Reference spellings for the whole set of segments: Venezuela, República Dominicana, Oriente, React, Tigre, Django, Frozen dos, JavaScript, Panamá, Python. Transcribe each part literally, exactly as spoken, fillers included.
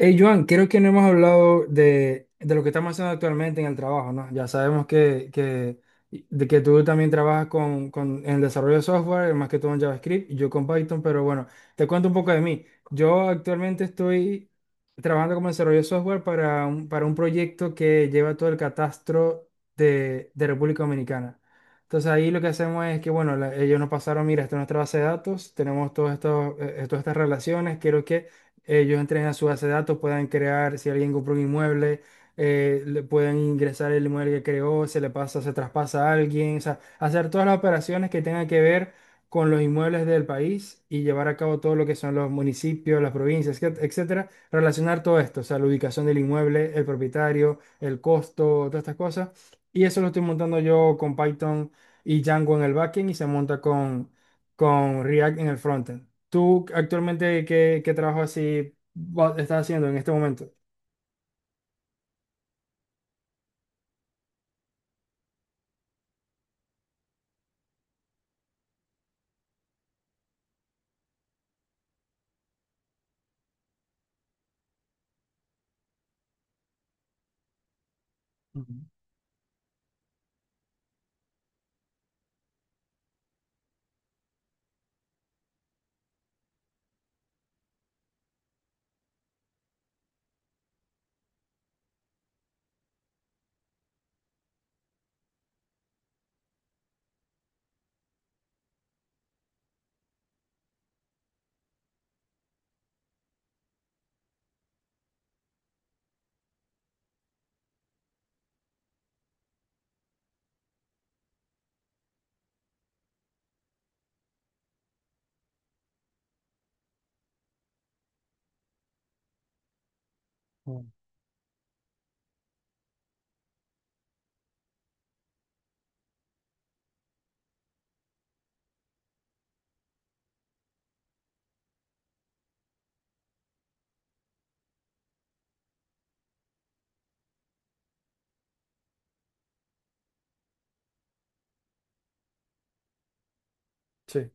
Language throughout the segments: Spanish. Hey, Joan, creo que no hemos hablado de, de lo que estamos haciendo actualmente en el trabajo, ¿no? Ya sabemos que, que, de que tú también trabajas con, con, en el desarrollo de software, más que todo en JavaScript, y yo con Python, pero bueno, te cuento un poco de mí. Yo actualmente estoy trabajando como desarrollo de software para un, para un proyecto que lleva todo el catastro de, de República Dominicana. Entonces ahí lo que hacemos es que, bueno, la- ellos nos pasaron, mira, esta es nuestra base de datos, tenemos todos estos, eh, eh, todas estas relaciones, quiero que ellos entren a su base de datos, puedan crear, si alguien compró un inmueble, eh, le pueden ingresar el inmueble que creó, se le pasa, se traspasa a alguien, o sea, hacer todas las operaciones que tengan que ver con los inmuebles del país y llevar a cabo todo lo que son los municipios, las provincias, etc- etcétera, relacionar todo esto, o sea, la ubicación del inmueble, el propietario, el costo, todas estas cosas. Y eso lo estoy montando yo con Python y Django en el backend y se monta con, con React en el frontend. ¿Tú actualmente qué, qué trabajo así va- estás haciendo en este momento? Ujú. Ujú. Sí.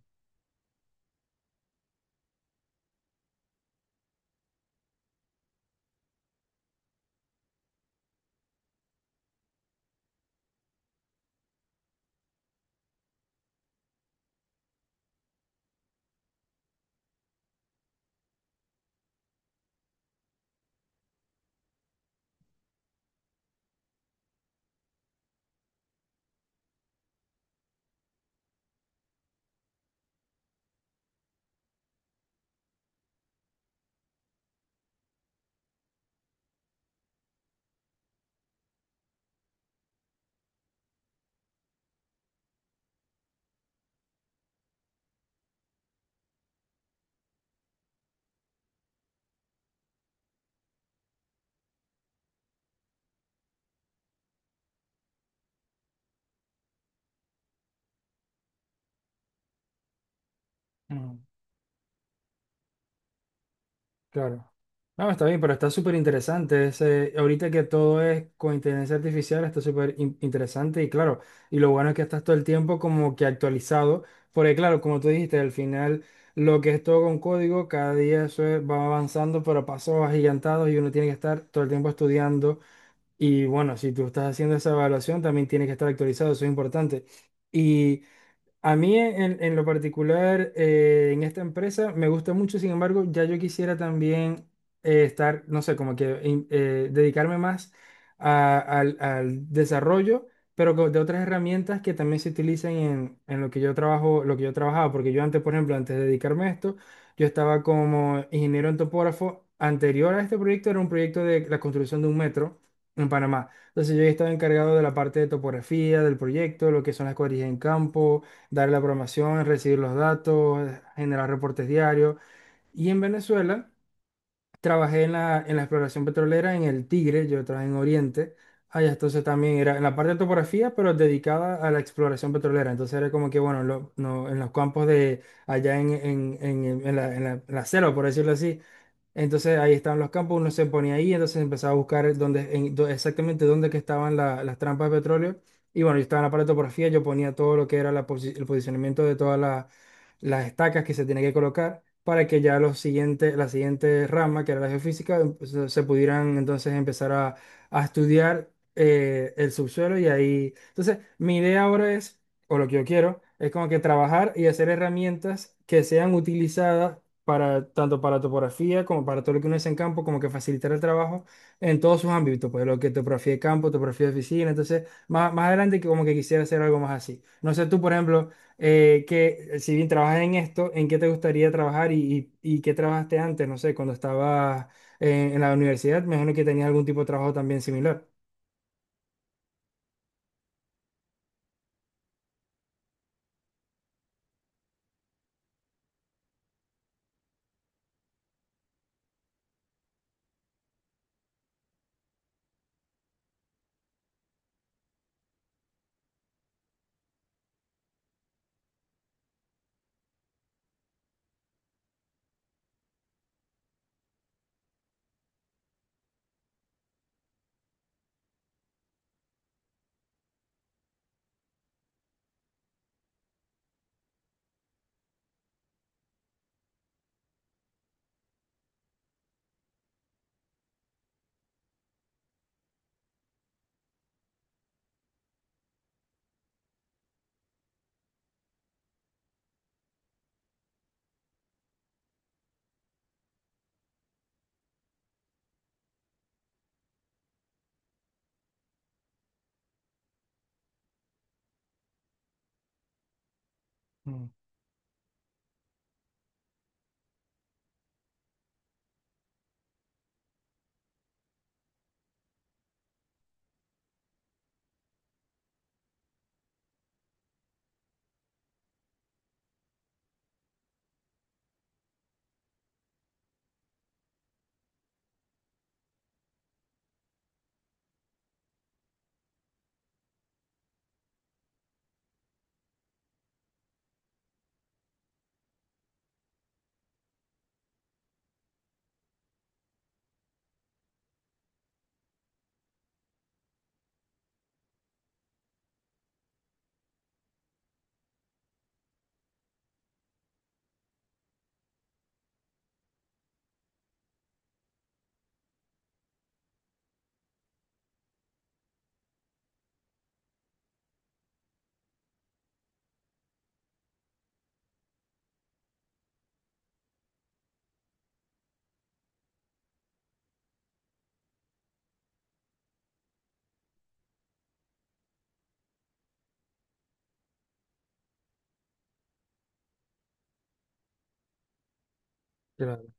Ujú. Claro. No, está bien, pero está súper interesante. ese- Ahorita que todo es con inteligencia artificial, está súper in- interesante y claro, y lo bueno es que estás todo el tiempo como que actualizado, porque claro, como tú dijiste, al final lo que es todo con código, cada día eso es- va avanzando, pero a pasos agigantados y uno tiene que estar todo el tiempo estudiando. Y bueno, si tú estás haciendo esa evaluación, también tiene que estar actualizado, eso es importante. Y a mí en, en lo particular, eh, en esta empresa, me gusta mucho, sin embargo, ya yo quisiera también eh, estar, no sé, como que in- eh, dedicarme más a- al, al desarrollo, pero co- de otras herramientas que también se utilizan en, en lo que yo trabajo, lo que yo trabajaba, porque yo antes, por ejemplo, antes de dedicarme a esto, yo estaba como ingeniero en topógrafo. Anterior a este proyecto era un proyecto de la construcción de un metro en Panamá. Entonces yo ya estaba encargado de la parte de topografía, del proyecto, lo que son las cuadrillas en campo, dar la programación, recibir los datos, generar reportes diarios. Y en Venezuela trabajé en la, en la exploración petrolera en el Tigre, yo trabajé en Oriente. Allá entonces también era en la parte de topografía, pero dedicada a la exploración petrolera. Entonces era como que, bueno, lo- no, en los campos de allá en, en, en- en la, en la- en la selva, por decirlo así, entonces ahí estaban los campos, uno se ponía ahí, entonces empezaba a buscar dónde, en dó- exactamente dónde que estaban la- las trampas de petróleo. Y bueno, yo estaba en la paratopografía, yo ponía todo lo que era la posi- el posicionamiento de todas la- las estacas que se tenía que colocar para que ya los siguientes, la siguiente rama, que era la geofísica, em- se, se pudieran entonces empezar a, a estudiar eh, el subsuelo. Y ahí, entonces mi idea ahora es o lo que yo quiero, es como que trabajar y hacer herramientas que sean utilizadas para tanto para topografía como para todo lo que uno hace en campo, como que facilitar el trabajo en todos sus ámbitos, pues lo que es topografía de campo, topografía de oficina, entonces más, más adelante que como que quisiera hacer algo más así. No sé tú, por ejemplo, eh, que si bien trabajas en esto, ¿en qué te gustaría trabajar y, y, y qué trabajaste antes? No sé, cuando estabas en, en la universidad, me imagino que tenías algún tipo de trabajo también similar. Mm, claro.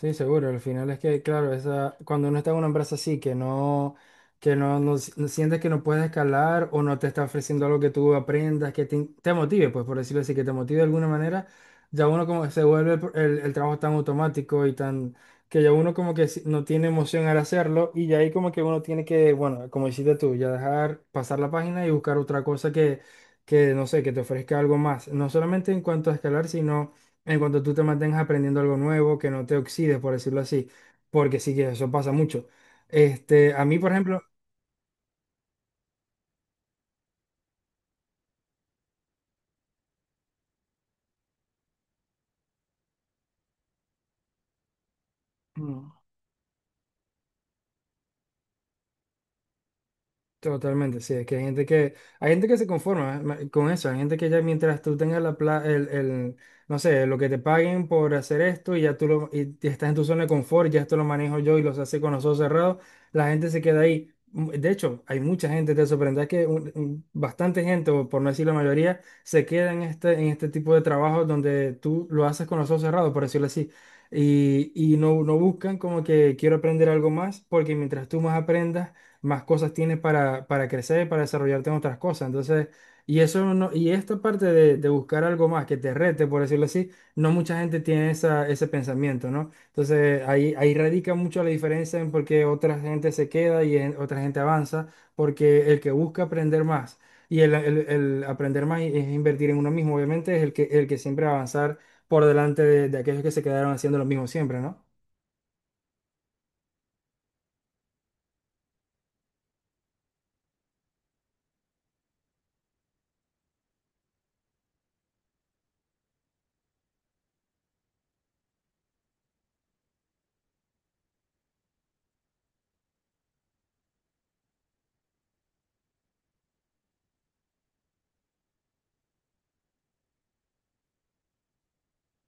Sí, seguro. Al final es que, claro, esa, cuando uno está en una empresa así, que no, que no, no si- no sientes que no puedes escalar o no te está ofreciendo algo que tú aprendas, que te, in- te motive, pues por decirlo así, que te motive de alguna manera, ya uno como que se vuelve el, pr- el- el trabajo tan automático y tan, que ya uno como que si- no tiene emoción al hacerlo y ya ahí como que uno tiene que, bueno, como hiciste tú, ya dejar pasar la página y buscar otra cosa que, que no sé, que te ofrezca algo más. No solamente en cuanto a escalar, sino en cuanto tú te mantengas aprendiendo algo nuevo, que no te oxides, por decirlo así, porque sí que eso pasa mucho. Este, a mí, por ejemplo, totalmente, sí, es que hay gente que, hay gente que se conforma eh, ma- con eso, hay gente que ya mientras tú tengas la pla- el, el, no sé, lo que te paguen por hacer esto y ya tú lo, y te- estás en tu zona de confort, ya esto lo manejo yo y los hace con los ojos cerrados, la gente se queda ahí. Mm. De hecho, hay mucha gente, te sorprenderá que un- un- bastante gente, o por no decir la mayoría, se queda en este, en este tipo de trabajo donde tú lo haces con los ojos cerrados, por decirlo así. Y, y no, no buscan como que quiero aprender algo más, porque mientras tú más aprendas, más cosas tienes para, para crecer, para desarrollarte en otras cosas. Entonces, y eso no, y esta parte de, de buscar algo más que te rete, por decirlo así, no mucha gente tiene esa, ese pensamiento, ¿no? Entonces, ahí, ahí radica mucho la diferencia en por qué otra gente se queda y en- otra gente avanza, porque el que busca aprender más y el, el- el aprender más y- es invertir en uno mismo, obviamente, es el que, el que siempre va a avanzar por delante de, de aquellos que se quedaron haciendo lo mismo siempre, ¿no?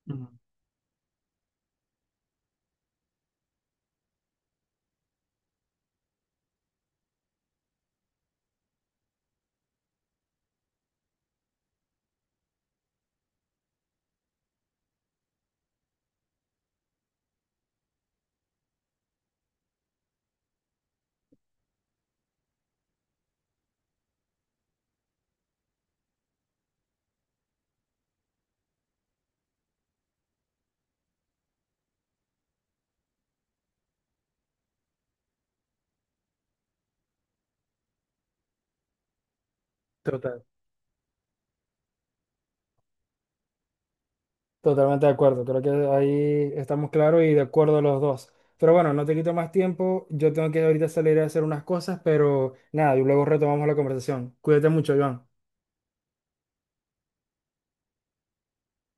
Ujú. Total. Totalmente de acuerdo, creo que ahí estamos claros y de acuerdo los dos. Pero bueno, no te quito más tiempo, yo tengo que ahorita salir a hacer unas cosas, pero nada, y luego retomamos la conversación. Cuídate mucho, Iván.